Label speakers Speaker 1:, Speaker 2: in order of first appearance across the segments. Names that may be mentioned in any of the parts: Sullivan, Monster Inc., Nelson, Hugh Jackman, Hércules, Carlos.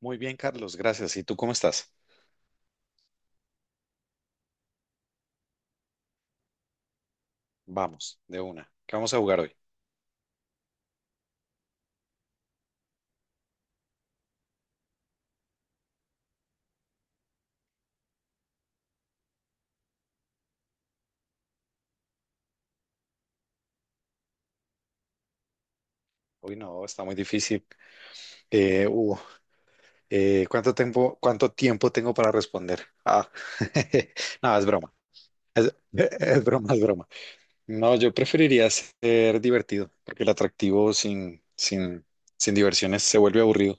Speaker 1: Muy bien, Carlos, gracias. ¿Y tú cómo estás? Vamos, de una. ¿Qué vamos a jugar hoy? Hoy no, está muy difícil. Eh, uh, ¿cuánto tiempo tengo para responder? Ah, no, es broma. Es, es broma, es broma. No, yo preferiría ser divertido, porque el atractivo sin diversiones se vuelve aburrido.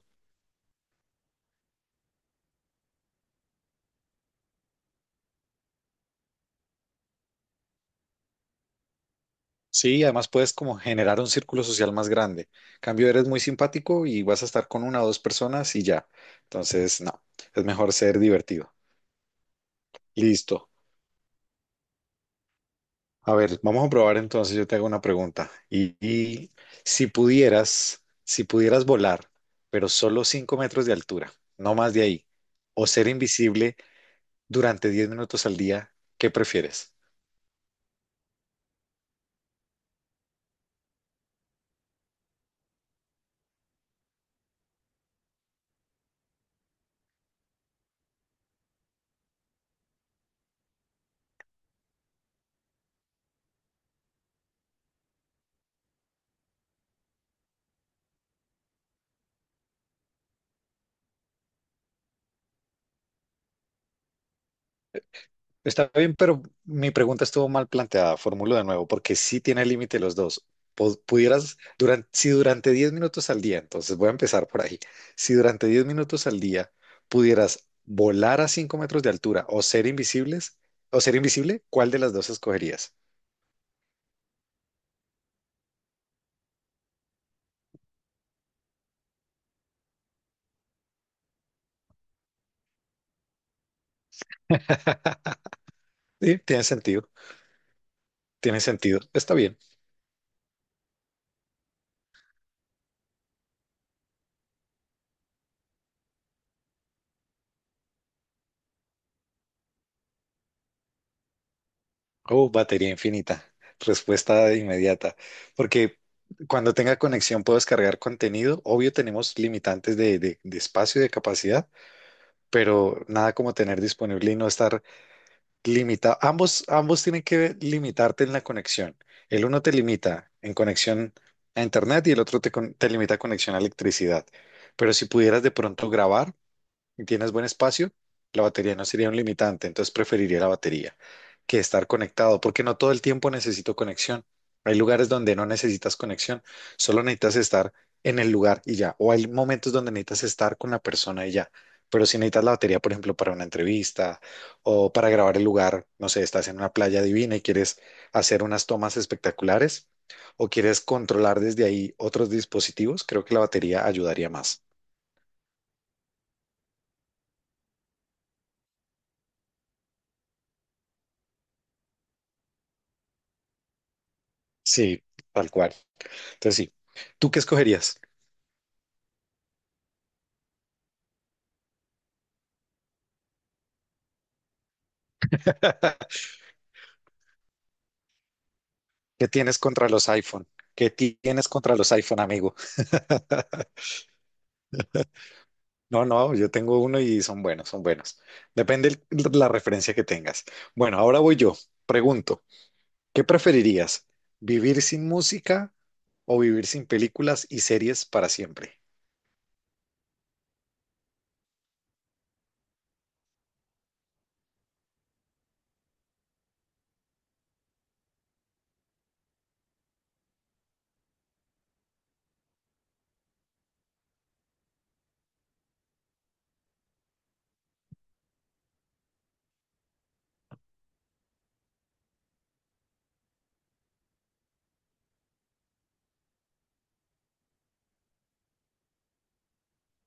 Speaker 1: Sí, además puedes como generar un círculo social más grande. Cambio, eres muy simpático y vas a estar con una o dos personas y ya. Entonces, no, es mejor ser divertido. Listo. A ver, vamos a probar entonces, yo te hago una pregunta. Y si pudieras volar, pero solo 5 metros de altura, no más de ahí, o ser invisible durante 10 minutos al día, ¿qué prefieres? Está bien, pero mi pregunta estuvo mal planteada. Formulo de nuevo, porque sí tiene límite los dos. Si durante 10 minutos al día, entonces voy a empezar por ahí. Si durante 10 minutos al día pudieras volar a 5 metros de altura o ser invisible, ¿cuál de las dos escogerías? Sí, tiene sentido, tiene sentido. Está bien. Oh, batería infinita. Respuesta inmediata. Porque cuando tenga conexión puedo descargar contenido. Obvio, tenemos limitantes de espacio y de capacidad, pero nada como tener disponible y no estar limitado. Ambos tienen que limitarte en la conexión. El uno te limita en conexión a internet y el otro te limita a conexión a electricidad. Pero si pudieras de pronto grabar, y tienes buen espacio, la batería no sería un limitante, entonces preferiría la batería que estar conectado, porque no todo el tiempo necesito conexión. Hay lugares donde no necesitas conexión, solo necesitas estar en el lugar y ya, o hay momentos donde necesitas estar con la persona y ya. Pero si necesitas la batería, por ejemplo, para una entrevista o para grabar el lugar, no sé, estás en una playa divina y quieres hacer unas tomas espectaculares o quieres controlar desde ahí otros dispositivos, creo que la batería ayudaría más. Sí, tal cual. Entonces sí. ¿Tú qué escogerías? ¿Qué tienes contra los iPhone? ¿Qué tienes contra los iPhone, amigo? No, no, yo tengo uno y son buenos, son buenos. Depende la referencia que tengas. Bueno, ahora voy yo. Pregunto, ¿qué preferirías? ¿Vivir sin música o vivir sin películas y series para siempre?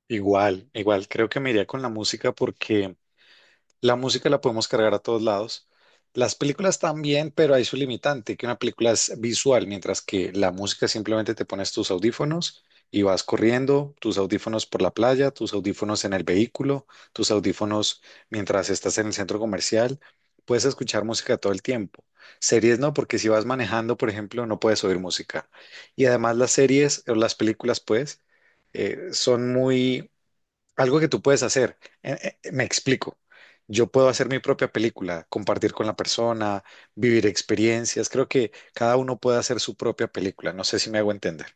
Speaker 1: Igual, igual, creo que me iría con la música, porque la música la podemos cargar a todos lados. Las películas también, pero hay su limitante, que una película es visual, mientras que la música simplemente te pones tus audífonos y vas corriendo, tus audífonos por la playa, tus audífonos en el vehículo, tus audífonos mientras estás en el centro comercial. Puedes escuchar música todo el tiempo. Series no, porque si vas manejando, por ejemplo, no puedes oír música. Y además las series o las películas, pues, son muy algo que tú puedes hacer. Me explico. Yo puedo hacer mi propia película, compartir con la persona, vivir experiencias. Creo que cada uno puede hacer su propia película. No sé si me hago entender.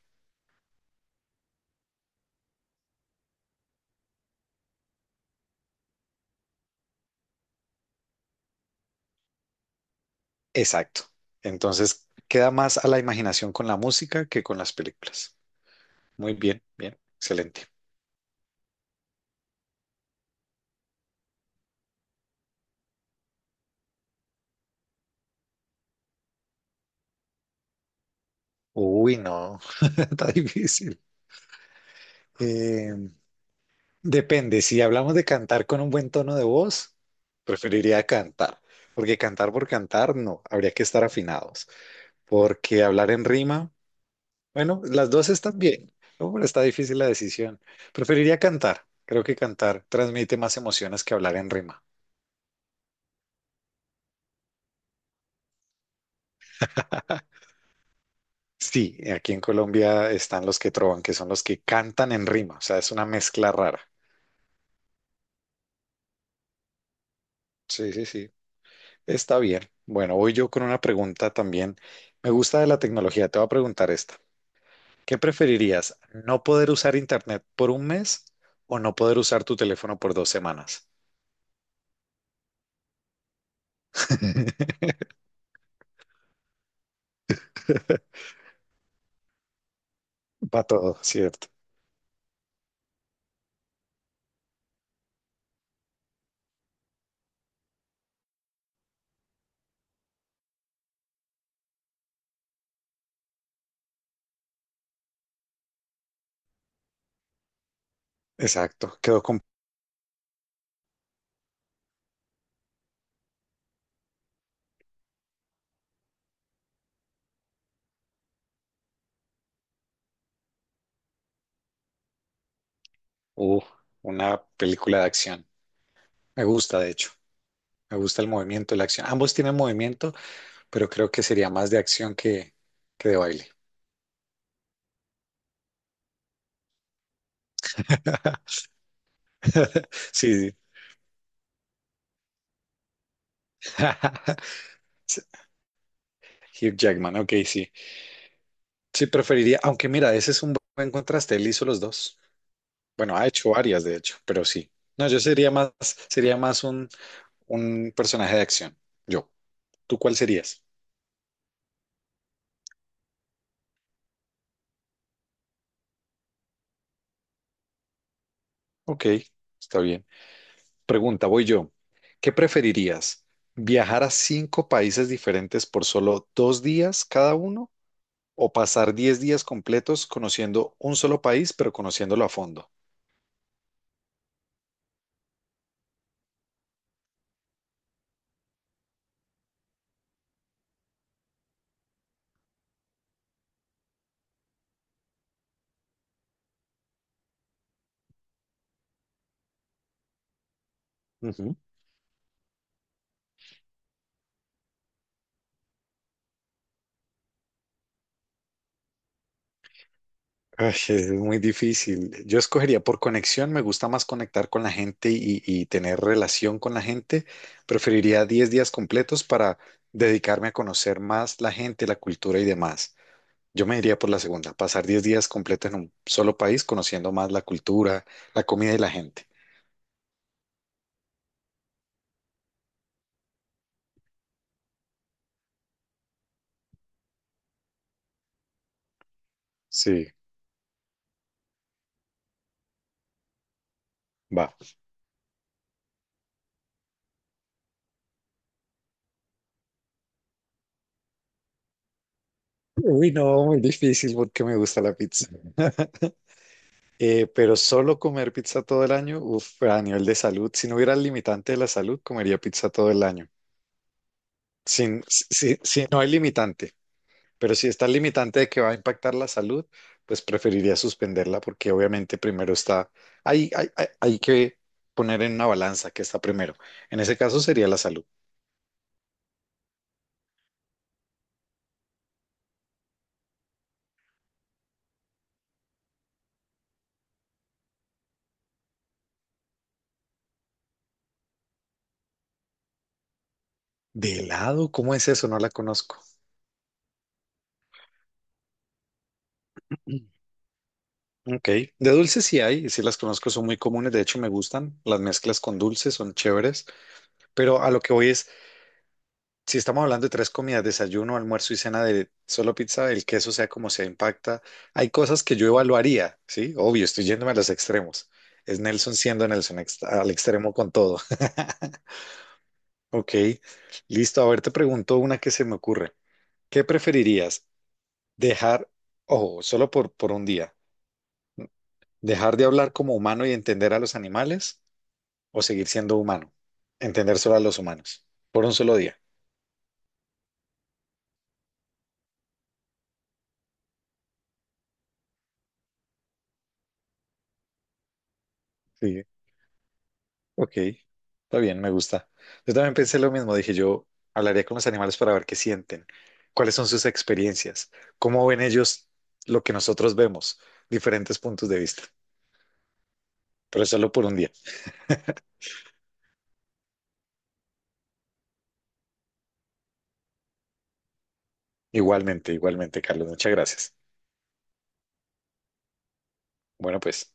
Speaker 1: Exacto. Entonces, queda más a la imaginación con la música que con las películas. Muy bien, bien, excelente. Uy, no, está difícil. Eh, Depende, si hablamos de cantar con un buen tono de voz, preferiría cantar, porque cantar por cantar, no, habría que estar afinados. Porque hablar en rima, bueno, las dos están bien, ¿no? Pero está difícil la decisión. Preferiría cantar. Creo que cantar transmite más emociones que hablar en rima. Sí, aquí en Colombia están los que trovan, que son los que cantan en rima. O sea, es una mezcla rara. Sí, sí, sí. Está bien. Bueno, voy yo con una pregunta también. Me gusta de la tecnología. Te voy a preguntar esta. ¿Qué preferirías? ¿No poder usar internet por un mes o no poder usar tu teléfono por 2 semanas? Para todo, ¿cierto? Exacto, quedó con. Uh, una película de acción. Me gusta, de hecho, me gusta el movimiento, la acción. Ambos tienen movimiento, pero creo que sería más de acción que de baile. Sí, sí. Hugh Jackman, ok, sí. Sí, preferiría, aunque mira, ese es un buen contraste, él hizo los dos. Bueno, ha hecho varias, de hecho, pero sí. No, yo sería más un personaje de acción. Yo. ¿Tú cuál serías? Ok, está bien. Pregunta, voy yo. ¿Qué preferirías? ¿Viajar a cinco países diferentes por solo 2 días cada uno o pasar 10 días completos conociendo un solo país, pero conociéndolo a fondo? Ujú. Ay, es muy difícil. Yo escogería por conexión, me gusta más conectar con la gente y tener relación con la gente. Preferiría 10 días completos para dedicarme a conocer más la gente, la cultura y demás. Yo me iría por la segunda, pasar 10 días completos en un solo país conociendo más la cultura, la comida y la gente. Sí, va. Uy, no, muy difícil porque me gusta la pizza. Pero solo comer pizza todo el año, uf, a nivel de salud, si no hubiera el limitante de la salud, comería pizza todo el año. Sin, si, si no hay limitante, pero si está el limitante de que va a impactar la salud, pues preferiría suspenderla porque obviamente primero está, hay que poner en una balanza que está primero. En ese caso sería la salud. ¿De helado? ¿Cómo es eso? No la conozco. Mm. Ok, de dulces sí hay, y sí las conozco, son muy comunes, de hecho me gustan, las mezclas con dulces son chéveres, pero a lo que voy es, si estamos hablando de tres comidas, desayuno, almuerzo y cena de solo pizza, el queso sea como sea impacta, hay cosas que yo evaluaría, ¿sí? Obvio, estoy yéndome a los extremos. Es Nelson siendo Nelson al extremo con todo. Ok, listo. A ver, te pregunto una que se me ocurre. ¿Qué preferirías? Dejar, ojo, solo por un día, dejar de hablar como humano y entender a los animales o seguir siendo humano, entender solo a los humanos, por un solo día. Sí. Ok, está bien, me gusta. Yo también pensé lo mismo, dije yo hablaría con los animales para ver qué sienten, cuáles son sus experiencias, cómo ven ellos lo que nosotros vemos, diferentes puntos de vista. Pero solo por un día. Igualmente, igualmente, Carlos, muchas gracias. Bueno, pues.